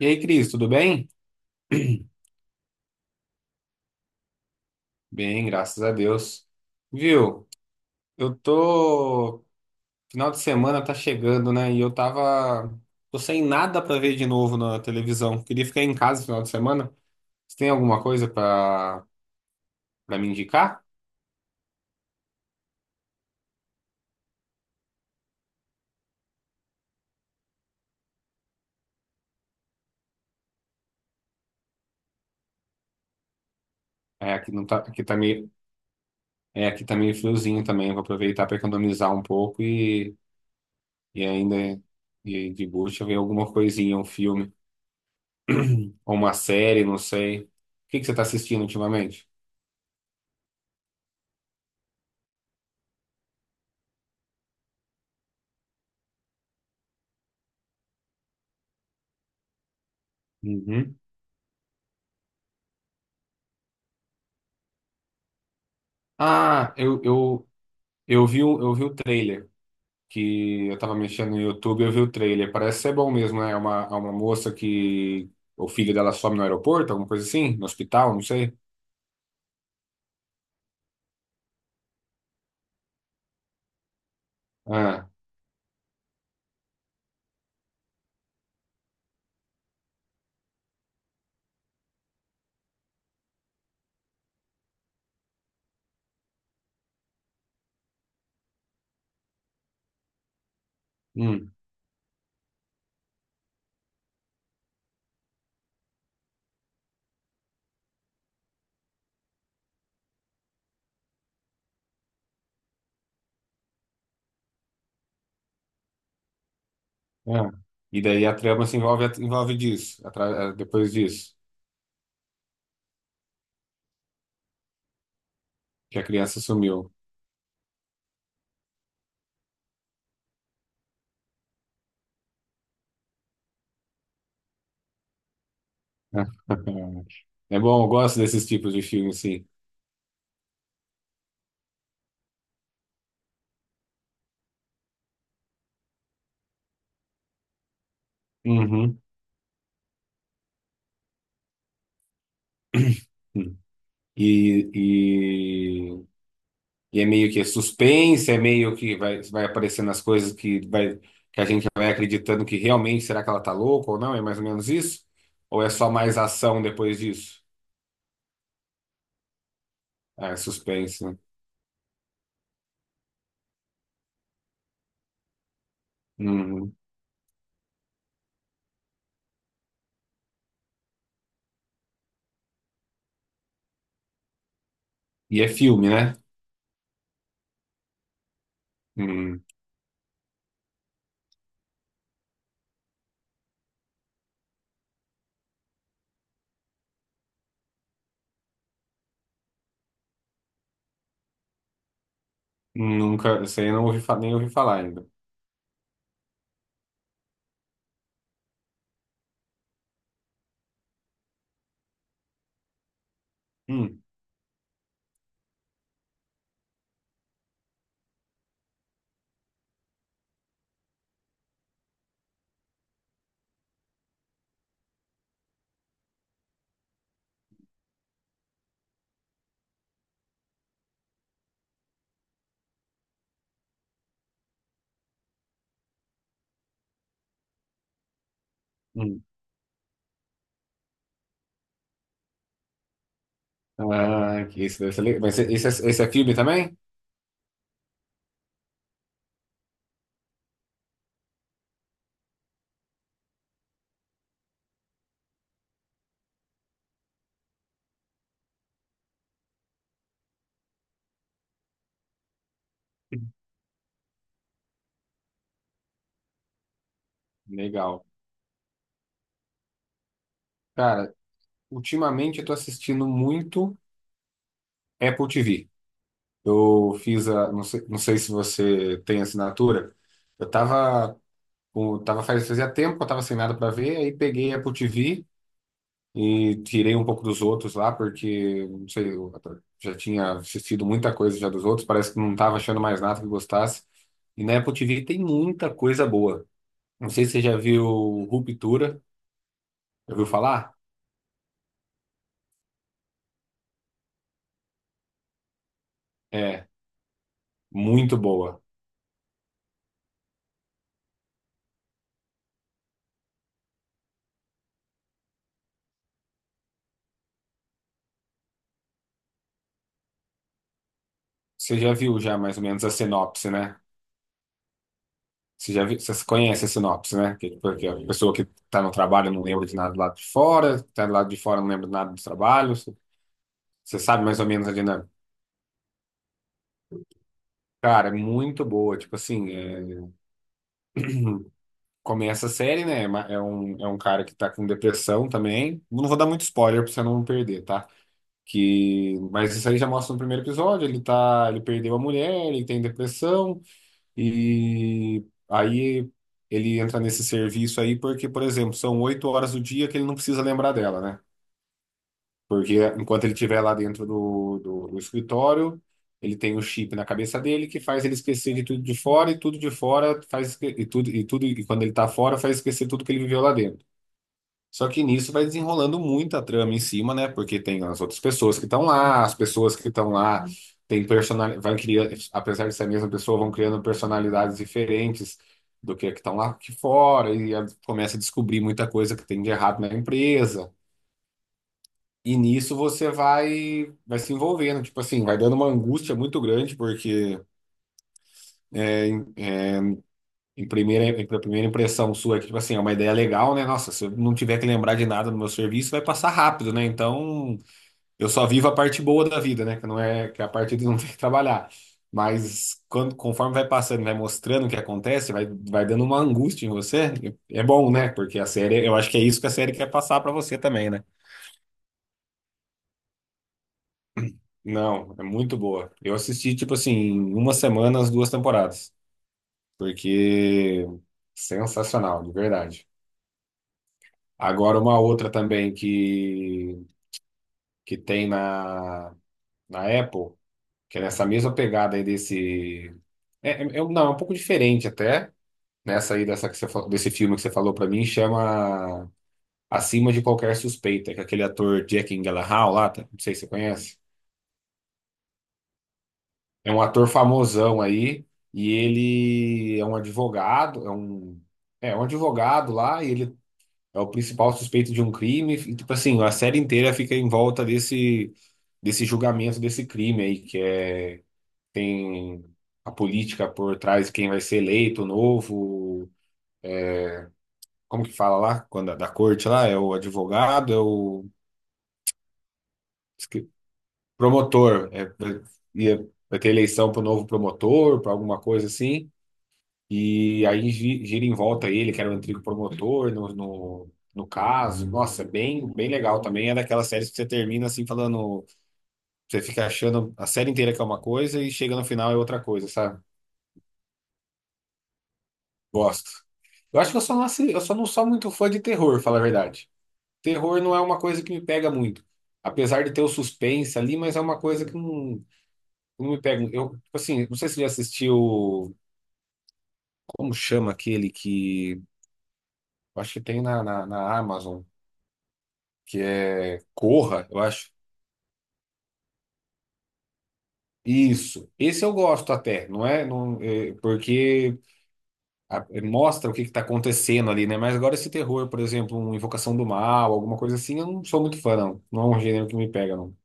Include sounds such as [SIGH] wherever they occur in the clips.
E aí, Cris, tudo bem? [CLEARS THROAT] Bem, graças a Deus. Viu? Eu tô. Final de semana tá chegando, né? E eu tava. Tô sem nada pra ver de novo na televisão. Queria ficar em casa no final de semana. Você tem alguma coisa pra, pra me indicar? É, aqui não tá. Aqui tá meio. É, aqui tá meio friozinho também. Vou aproveitar pra economizar um pouco e ainda. E de bucha ver alguma coisinha, um filme. [CLEARS THROAT] Ou uma série, não sei. O que que você tá assistindo ultimamente? Uhum. Ah, eu eu vi, eu vi o trailer, que eu tava mexendo no YouTube, eu vi o trailer. Parece ser bom mesmo, né? É uma moça que o filho dela some no aeroporto, alguma coisa assim, no hospital, não sei. Ah, hum, ah. E daí a trama se envolve, envolve disso, depois disso, que a criança sumiu. [LAUGHS] É bom, eu gosto desses tipos de filme, sim. Uhum. [CLEARS THROAT] E, e é meio que suspense, é meio que vai aparecendo as coisas que, vai, que a gente vai acreditando que realmente será que ela tá louca ou não? É mais ou menos isso? Ou é só mais ação depois disso? Ah, é suspense, né? Hum. E é filme, né? Hum. Nunca, isso aí eu não ouvi, nem ouvi falar ainda. Hum. Hum. Ah, que isso deve ser legal. Mas esse esse é filme também? Legal. Cara, ultimamente eu tô assistindo muito Apple TV. Eu fiz a, não sei, não sei se você tem assinatura. Eu tava, tava fazia tempo eu tava sem nada para ver, aí peguei a Apple TV e tirei um pouco dos outros lá, porque, não sei, eu já tinha assistido muita coisa já dos outros, parece que não tava achando mais nada que gostasse. E na Apple TV tem muita coisa boa. Não sei se você já viu Ruptura, já ouviu falar? É, muito boa. Você já viu já mais ou menos a sinopse, né? Você já viu, você conhece a sinopse, né? Que, tipo, que a pessoa que está no trabalho não lembra de nada do lado de fora, está do lado de fora não lembra de nada do trabalho. Você sabe mais ou menos a dinâmica. Cara, é muito boa. Tipo assim, é, começa a série, né? É um cara que tá com depressão também. Não vou dar muito spoiler pra você não perder, tá? Que, mas isso aí já mostra no primeiro episódio. Ele perdeu a mulher, ele tem depressão, e aí ele entra nesse serviço aí porque, por exemplo, são 8 horas do dia que ele não precisa lembrar dela, né? Porque enquanto ele estiver lá dentro do escritório, ele tem o chip na cabeça dele que faz ele esquecer de tudo de fora e tudo de fora faz esque- e tudo e tudo e quando ele tá fora faz esquecer tudo que ele viveu lá dentro. Só que nisso vai desenrolando muita trama em cima, né? Porque tem as outras pessoas que estão lá, as pessoas que estão lá têm personalidade, vai criando, apesar de ser a mesma pessoa, vão criando personalidades diferentes do que a que estão lá aqui fora e começa a descobrir muita coisa que tem de errado na empresa. E nisso você vai, vai se envolvendo, tipo assim, vai dando uma angústia muito grande, porque é, em, a primeira impressão sua é que, tipo assim, é uma ideia legal, né? Nossa, se eu não tiver que lembrar de nada no meu serviço, vai passar rápido, né? Então, eu só vivo a parte boa da vida, né? Que é a parte de não [LAUGHS] ter que trabalhar. Mas quando, conforme vai passando, vai mostrando o que acontece, vai, vai dando uma angústia em você, é bom, né? Porque a série, eu acho que é isso que a série quer passar pra você também, né? Não, é muito boa. Eu assisti, tipo assim, em uma semana as duas temporadas, porque sensacional, de verdade. Agora uma outra também que tem na, na Apple, que é nessa mesma pegada aí desse... não, é um pouco diferente até, nessa aí dessa que você, desse filme que você falou pra mim, chama Acima de Qualquer Suspeita, que é aquele ator Jack Gyllenhaal lá, tá? Não sei se você conhece. É um ator famosão aí, e ele é um advogado, é um advogado lá, e ele é o principal suspeito de um crime, e tipo assim, a série inteira fica em volta desse, desse julgamento desse crime aí, que é, tem a política por trás, quem vai ser eleito, o novo, como que fala lá, quando é da corte lá, é o advogado, é o esque- promotor, é, vai ter eleição para o novo promotor, para alguma coisa assim, e aí gira em volta ele, que era o antigo promotor no caso. Nossa, bem, bem legal também. É daquelas séries que você termina assim falando, você fica achando a série inteira que é uma coisa e chega no final é outra coisa, sabe? Gosto. Eu acho que eu só não, eu só não sou muito fã de terror, falar a verdade. Terror não é uma coisa que me pega muito. Apesar de ter o suspense ali, mas é uma coisa que não, não me pega. Eu, tipo assim, não sei se você já assistiu, como chama aquele que, eu acho que tem na, na Amazon. Que é Corra, eu acho. Isso. Esse eu gosto até, não é? Não, é, porque é, mostra o que está acontecendo ali, né? Mas agora esse terror, por exemplo, uma Invocação do Mal, alguma coisa assim, eu não sou muito fã, não. Não é um gênero que me pega, não.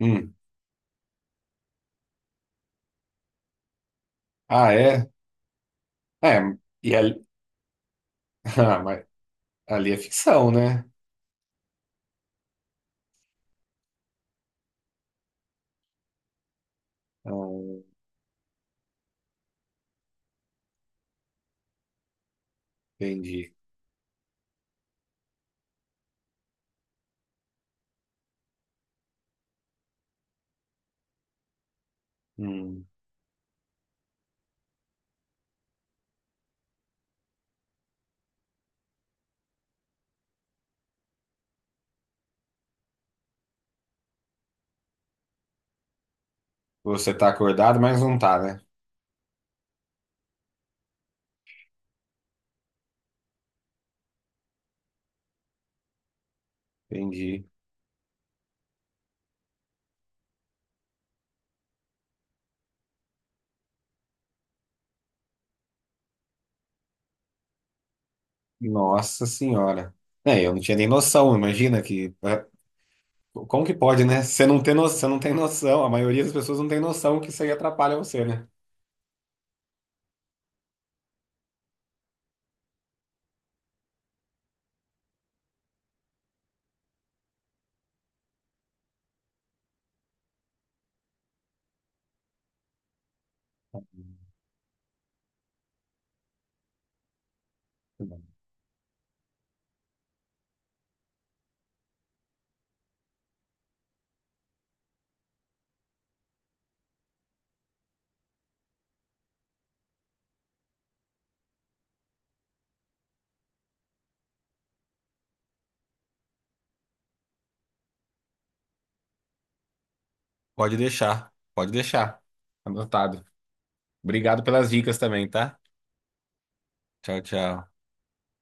Hum. Ah, é? É, e ali, [LAUGHS] ah, mas ali é ficção, né? Então, entendi. Hum. Você tá acordado, mas não tá, né? Entendi. Nossa Senhora. É, eu não tinha nem noção, imagina que. Ah, como que pode, né? Você não tem no... você não tem noção, a maioria das pessoas não tem noção que isso aí atrapalha você, né? Pode deixar, pode deixar. Anotado. Obrigado pelas dicas também, tá? Tchau, tchau.